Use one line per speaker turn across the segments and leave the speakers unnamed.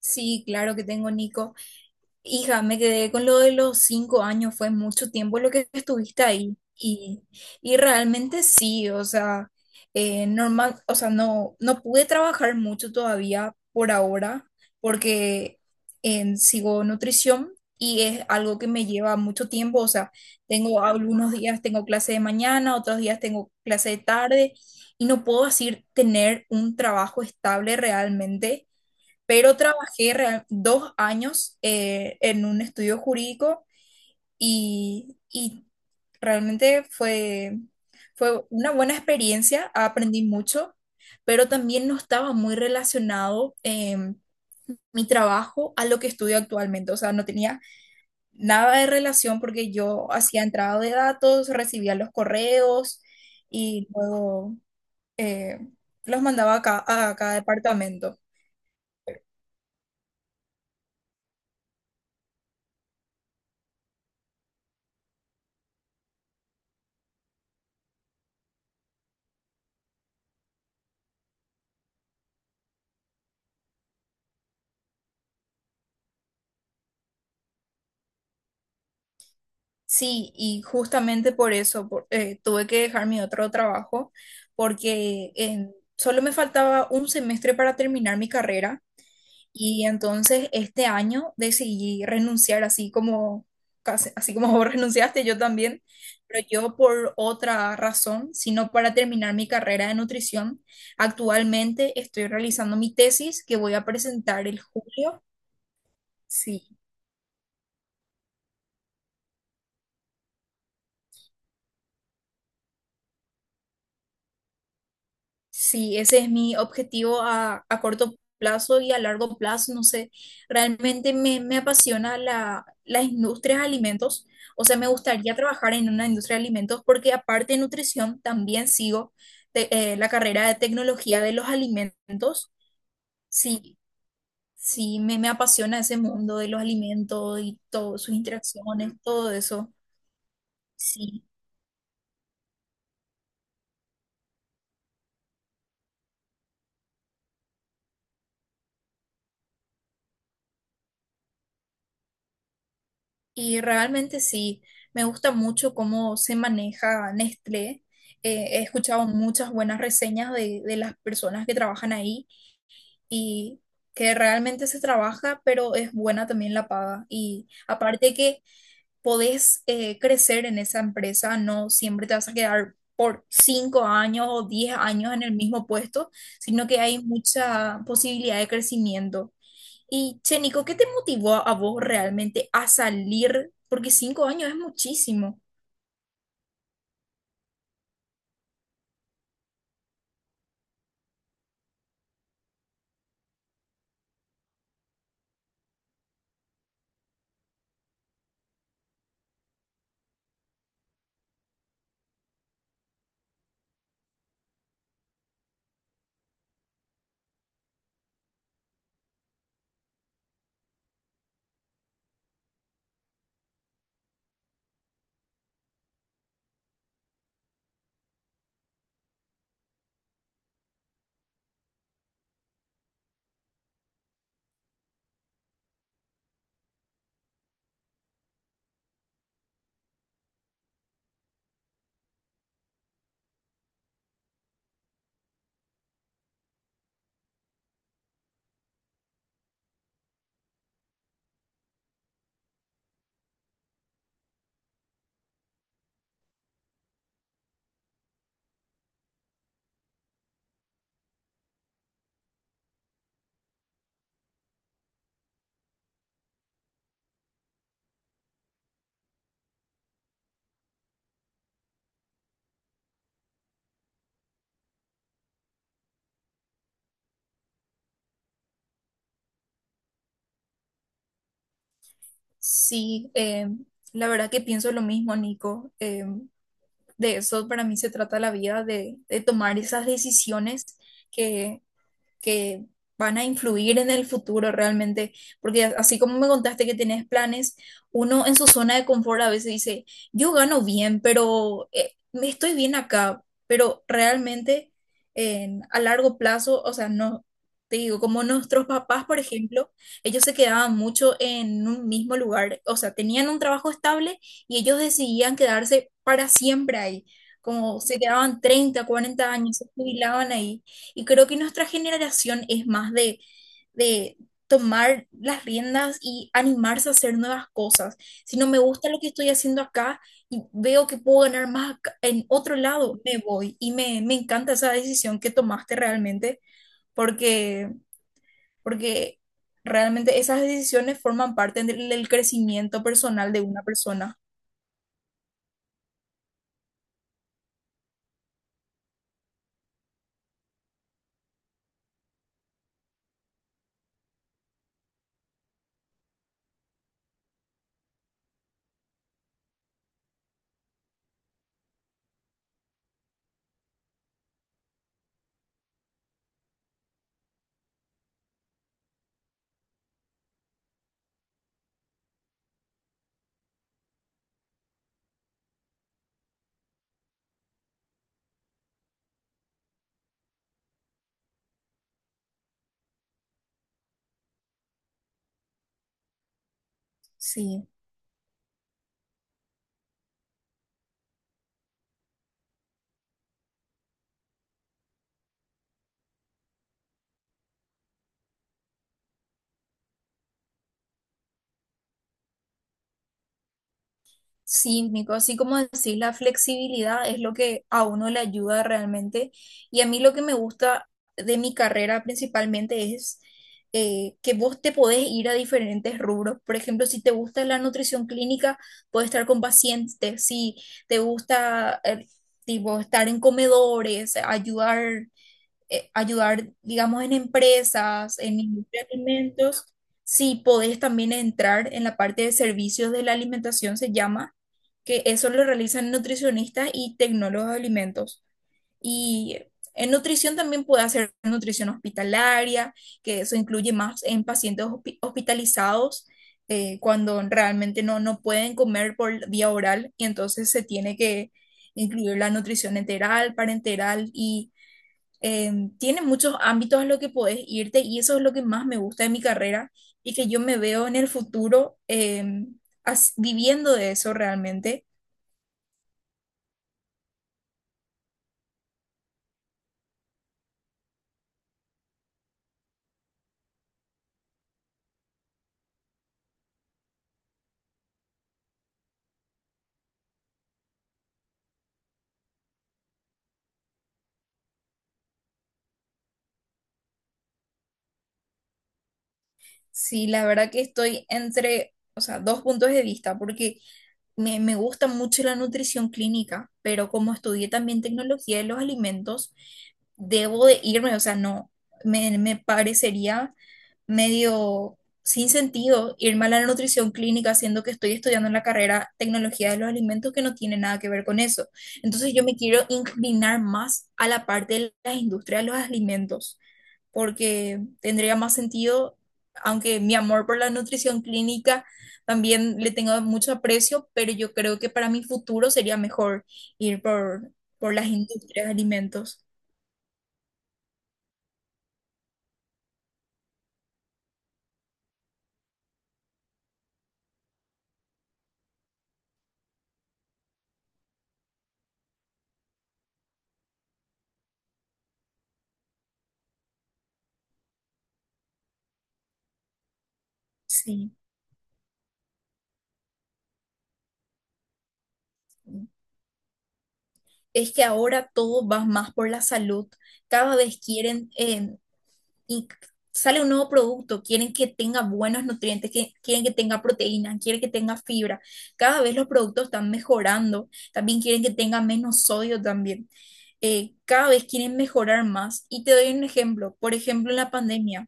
Sí, claro que tengo, Nico. Hija, me quedé con lo de los 5 años, fue mucho tiempo lo que estuviste ahí. Y realmente sí, o sea, normal, o sea, no pude trabajar mucho todavía por ahora, porque sigo nutrición y es algo que me lleva mucho tiempo. O sea, tengo algunos días tengo clase de mañana, otros días tengo clase de tarde, y no puedo así tener un trabajo estable realmente, pero 2 años en un estudio jurídico y realmente fue una buena experiencia, aprendí mucho, pero también no estaba muy relacionado mi trabajo a lo que estudio actualmente, o sea, no tenía nada de relación porque yo hacía entrada de datos, recibía los correos y luego eh, los mandaba a cada departamento. Sí, y justamente por eso tuve que dejar mi otro trabajo, porque solo me faltaba un semestre para terminar mi carrera y entonces este año decidí renunciar así como, así como vos renunciaste, yo también, pero yo por otra razón, sino para terminar mi carrera de nutrición. Actualmente estoy realizando mi tesis que voy a presentar el julio. Sí, sí, ese es mi objetivo a corto plazo y a largo plazo. No sé, realmente me apasiona la industria de alimentos. O sea, me gustaría trabajar en una industria de alimentos porque aparte de nutrición, también sigo la carrera de tecnología de los alimentos. Sí, sí, me apasiona ese mundo de los alimentos y todas sus interacciones, todo eso. Sí. Y realmente sí, me gusta mucho cómo se maneja Nestlé. He escuchado muchas buenas reseñas de las personas que trabajan ahí y que realmente se trabaja, pero es buena también la paga. Y aparte que podés crecer en esa empresa, no siempre te vas a quedar por 5 años o 10 años en el mismo puesto, sino que hay mucha posibilidad de crecimiento. Y, che, Nico, ¿qué te motivó a vos realmente a salir? Porque 5 años es muchísimo. Sí, la verdad que pienso lo mismo, Nico. De eso para mí se trata la vida, de tomar esas decisiones que van a influir en el futuro realmente, porque así como me contaste que tenés planes, uno en su zona de confort a veces dice, yo gano bien, pero me estoy bien acá, pero realmente a largo plazo, o sea, no, te digo, como nuestros papás, por ejemplo, ellos se quedaban mucho en un mismo lugar, o sea, tenían un trabajo estable y ellos decidían quedarse para siempre ahí, como se quedaban 30, 40 años, se jubilaban ahí. Y creo que nuestra generación es más de tomar las riendas y animarse a hacer nuevas cosas. Si no me gusta lo que estoy haciendo acá y veo que puedo ganar más en otro lado, me voy. Y me encanta esa decisión que tomaste realmente, porque, porque realmente esas decisiones forman parte del crecimiento personal de una persona. Sí. Sí, Nico, así como decís, la flexibilidad es lo que a uno le ayuda realmente. Y a mí lo que me gusta de mi carrera principalmente es que vos te podés ir a diferentes rubros. Por ejemplo, si te gusta la nutrición clínica, podés estar con pacientes. Si te gusta tipo, estar en comedores, ayudar, digamos, en empresas, en industria de alimentos. Sí, podés también entrar en la parte de servicios de la alimentación, se llama, que eso lo realizan nutricionistas y tecnólogos de alimentos. Y en nutrición también puede hacer nutrición hospitalaria, que eso incluye más en pacientes hospitalizados, cuando realmente no, no pueden comer por vía oral y entonces se tiene que incluir la nutrición enteral, parenteral y tiene muchos ámbitos a los que podés irte y eso es lo que más me gusta de mi carrera y que yo me veo en el futuro viviendo de eso realmente. Sí, la verdad que estoy entre, o sea, dos puntos de vista, porque me gusta mucho la nutrición clínica, pero como estudié también tecnología de los alimentos, debo de irme, o sea, no, me parecería medio sin sentido irme a la nutrición clínica siendo que estoy estudiando en la carrera tecnología de los alimentos que no tiene nada que ver con eso. Entonces yo me quiero inclinar más a la parte de la industria de los alimentos, porque tendría más sentido, aunque mi amor por la nutrición clínica también le tengo mucho aprecio, pero yo creo que para mi futuro sería mejor ir por las industrias de alimentos. Sí. Es que ahora todo va más por la salud. Cada vez quieren, y sale un nuevo producto, quieren que tenga buenos nutrientes, que, quieren que tenga proteína, quieren que tenga fibra. Cada vez los productos están mejorando, también quieren que tenga menos sodio también. Cada vez quieren mejorar más. Y te doy un ejemplo, por ejemplo, en la pandemia.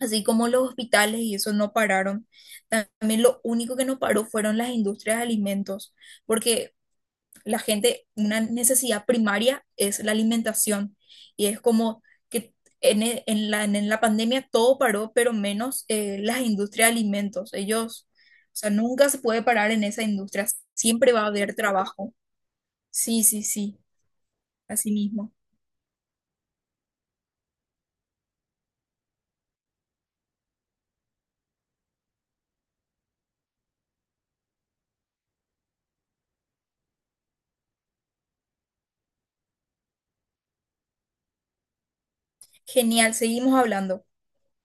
Así como los hospitales y eso no pararon, también lo único que no paró fueron las industrias de alimentos, porque la gente, una necesidad primaria es la alimentación y es como que en la pandemia todo paró, pero menos las industrias de alimentos. Ellos, o sea, nunca se puede parar en esa industria, siempre va a haber trabajo. Sí, sí, sí, así mismo. Genial, seguimos hablando.